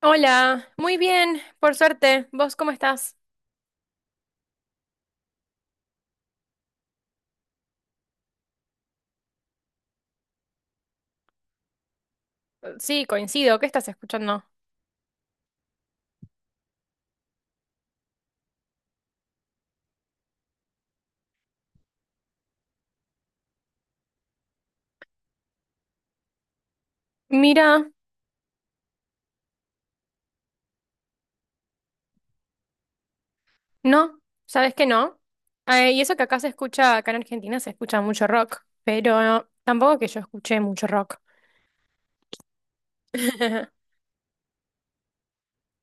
Hola, muy bien, por suerte. ¿Vos cómo estás? Sí, coincido. ¿Qué estás escuchando? Mira, no, ¿sabes que no? Y eso que acá se escucha, acá en Argentina se escucha mucho rock, pero tampoco que yo escuché mucho rock.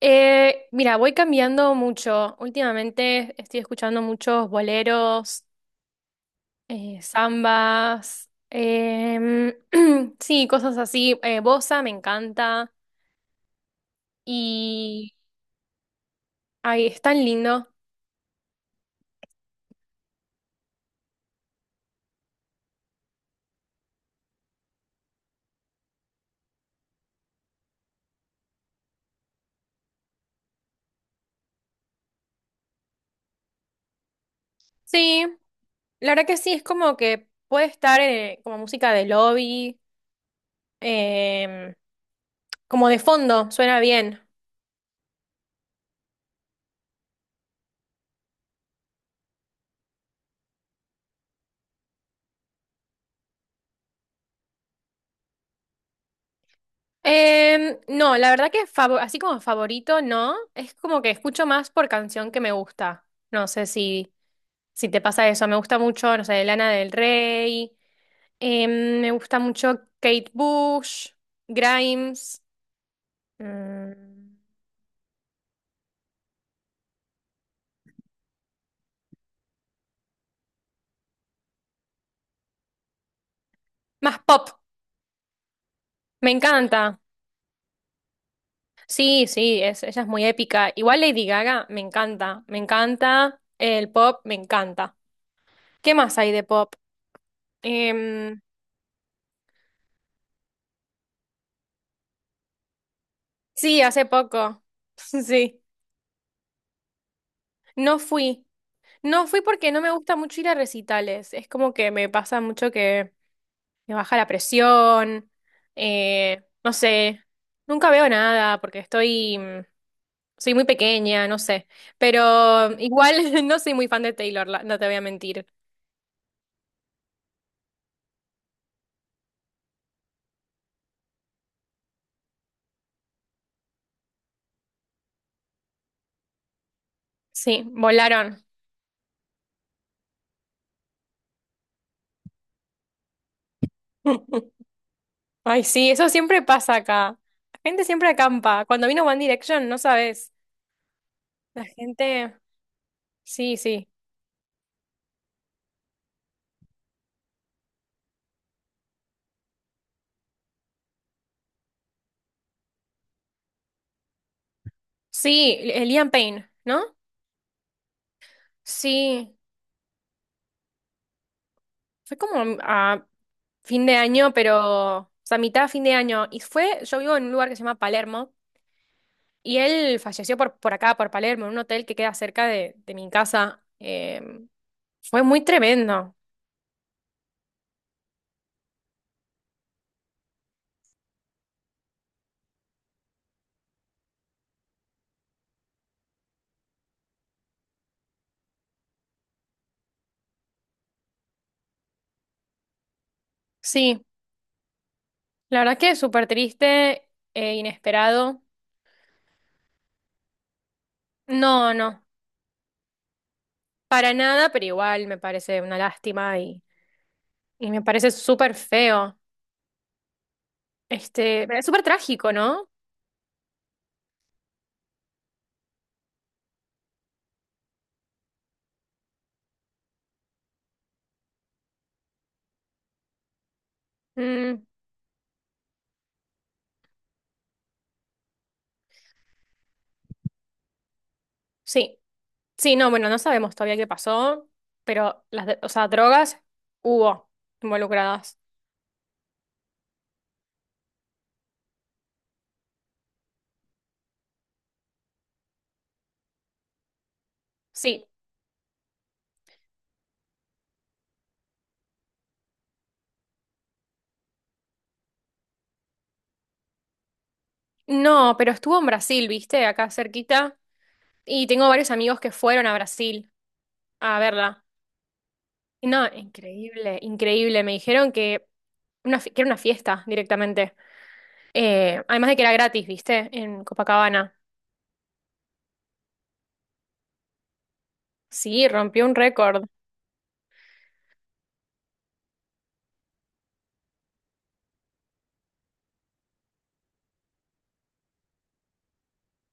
Mira, voy cambiando mucho. Últimamente estoy escuchando muchos boleros, zambas, sí, cosas así. Bossa me encanta y ay, es tan lindo. Sí, la verdad que sí, es como que puede estar como música de lobby, em, como de fondo, suena bien. No, la verdad que así como favorito, no, es como que escucho más por canción que me gusta. No sé si te pasa eso, me gusta mucho, no sé, Lana del Rey, me gusta mucho Kate Bush, Grimes, mm, más pop, me encanta. Sí, sí, ella es muy épica. Igual Lady Gaga me encanta, me encanta. El pop me encanta. ¿Qué más hay de pop? Em, sí, hace poco. Sí, no fui. No fui porque no me gusta mucho ir a recitales. Es como que me pasa mucho que me baja la presión. No sé, nunca veo nada porque soy muy pequeña, no sé. Pero igual no soy muy fan de Taylor, no te voy a mentir. Sí, volaron. Ay, sí, eso siempre pasa acá. La gente siempre acampa. Cuando vino One Direction, no sabes. La gente. Sí, sí. Sí, el Liam Payne, ¿no? Sí. Fue como a fin de año, pero. O sea, mitad de fin de año. Y fue. Yo vivo en un lugar que se llama Palermo. Y él falleció por acá, por Palermo, en un hotel que queda cerca de mi casa. Fue muy tremendo. Sí, la verdad que súper triste e inesperado. No, no. Para nada, pero igual me parece una lástima y me parece súper feo. Este, es súper trágico, ¿no? Mm, sí, sí, no, bueno, no sabemos todavía qué pasó, pero las, o sea, drogas hubo involucradas. Sí, no, pero estuvo en Brasil, ¿viste? Acá cerquita. Y tengo varios amigos que fueron a Brasil a verla. No, increíble, increíble. Me dijeron que, una, que era una fiesta directamente. Además de que era gratis, ¿viste? En Copacabana. Sí, rompió un récord.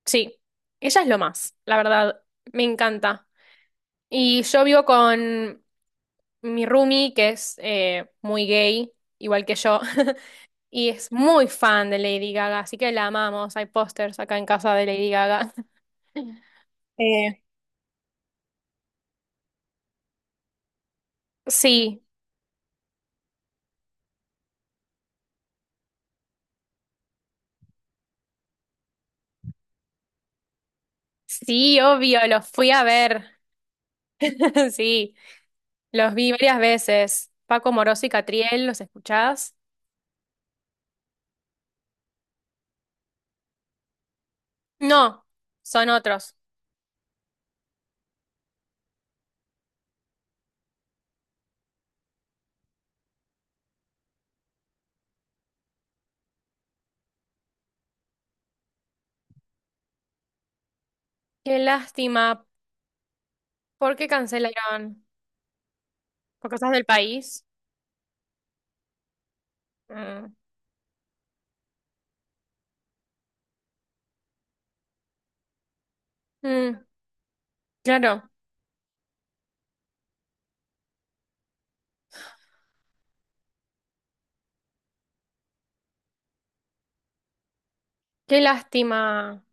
Sí, ella es lo más, la verdad. Me encanta. Y yo vivo con mi roomie, que es muy gay, igual que yo, y es muy fan de Lady Gaga, así que la amamos. Hay pósters acá en casa de Lady Gaga. Eh, sí. Sí, obvio, los fui a ver. Sí, los vi varias veces. Paco Moroso y Catriel, ¿los escuchás? No, son otros. Qué lástima. ¿Por qué cancelaron? ¿Por cosas del país? Mm. Mm, claro, qué lástima.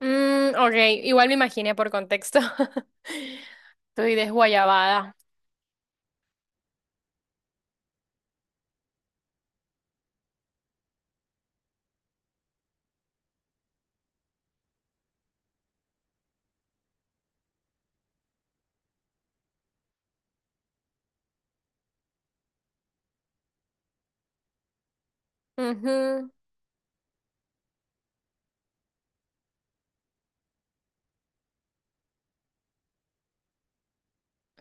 Mm, ok, igual me imaginé por contexto. Estoy desguayabada. Ujú.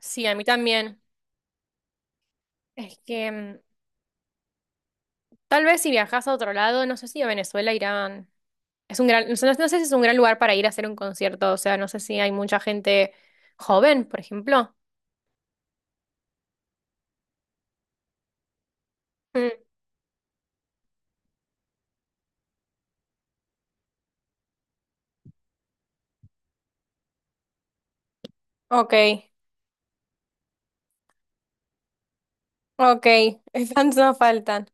Sí, a mí también. Es que tal vez si viajas a otro lado, no sé si a Venezuela, Irán. Es un gran, no sé si es un gran lugar para ir a hacer un concierto, o sea, no sé si hay mucha gente joven, por ejemplo. Mm, ok, ok, fans no faltan.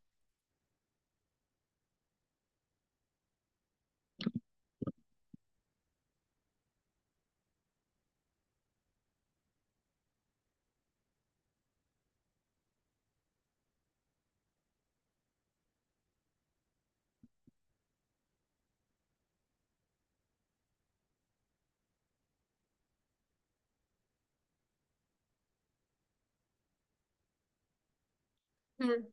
Mm.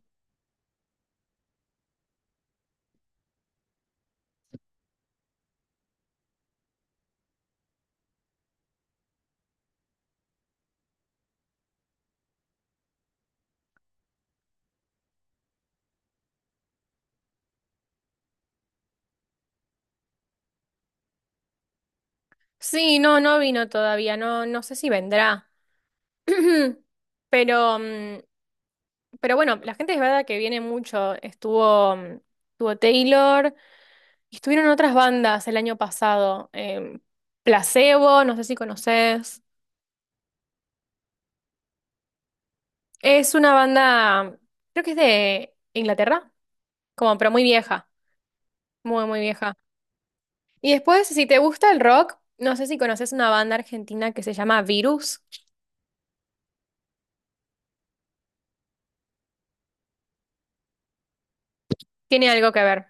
Sí, no, no vino todavía, no, no sé si vendrá. Pero mm, Pero bueno, la gente es verdad que viene mucho. Estuvo Taylor y estuvieron otras bandas el año pasado. Placebo, no sé si conoces. Es una banda, creo que es de Inglaterra, como, pero muy vieja, muy, muy vieja. Y después, si te gusta el rock, no sé si conoces una banda argentina que se llama Virus. Tiene algo que ver.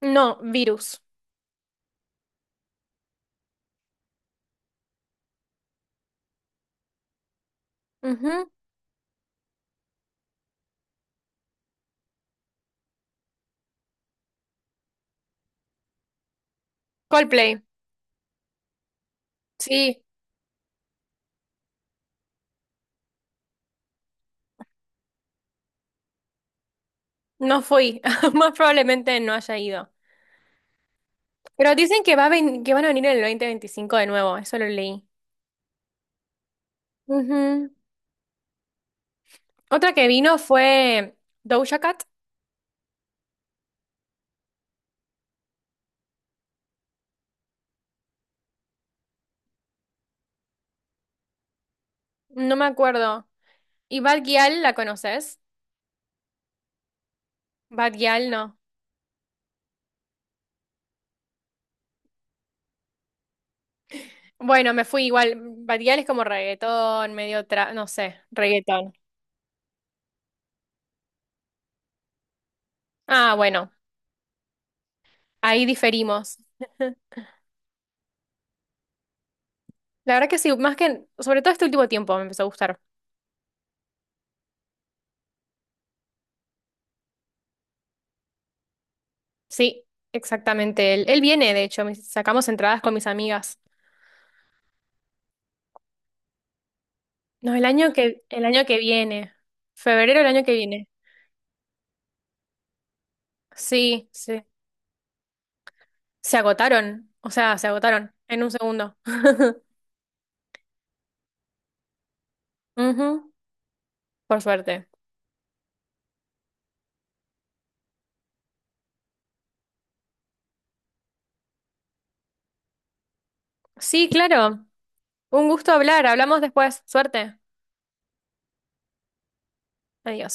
No, Virus. Ujú. Coldplay. Sí, no fui. Más probablemente no haya ido. Pero dicen que, que van a venir en el 2025 de nuevo, eso lo leí. Ujú. Otra que vino fue Doja Cat, no me acuerdo. ¿Y Bad Gyal la conoces? Bad Gyal no. Bueno, me fui igual. Bad Gyal es como reggaetón, medio no sé, reggaetón. Ah, bueno, ahí diferimos. La verdad que sí, más que, sobre todo este último tiempo me empezó a gustar. Sí, exactamente. Él viene, de hecho, sacamos entradas con mis amigas. No, el año que viene. Febrero del año que viene. Sí, sí. Se agotaron, o sea, se agotaron en un segundo. Ujú, por suerte. Sí, claro. Un gusto hablar. Hablamos después. Suerte. Adiós.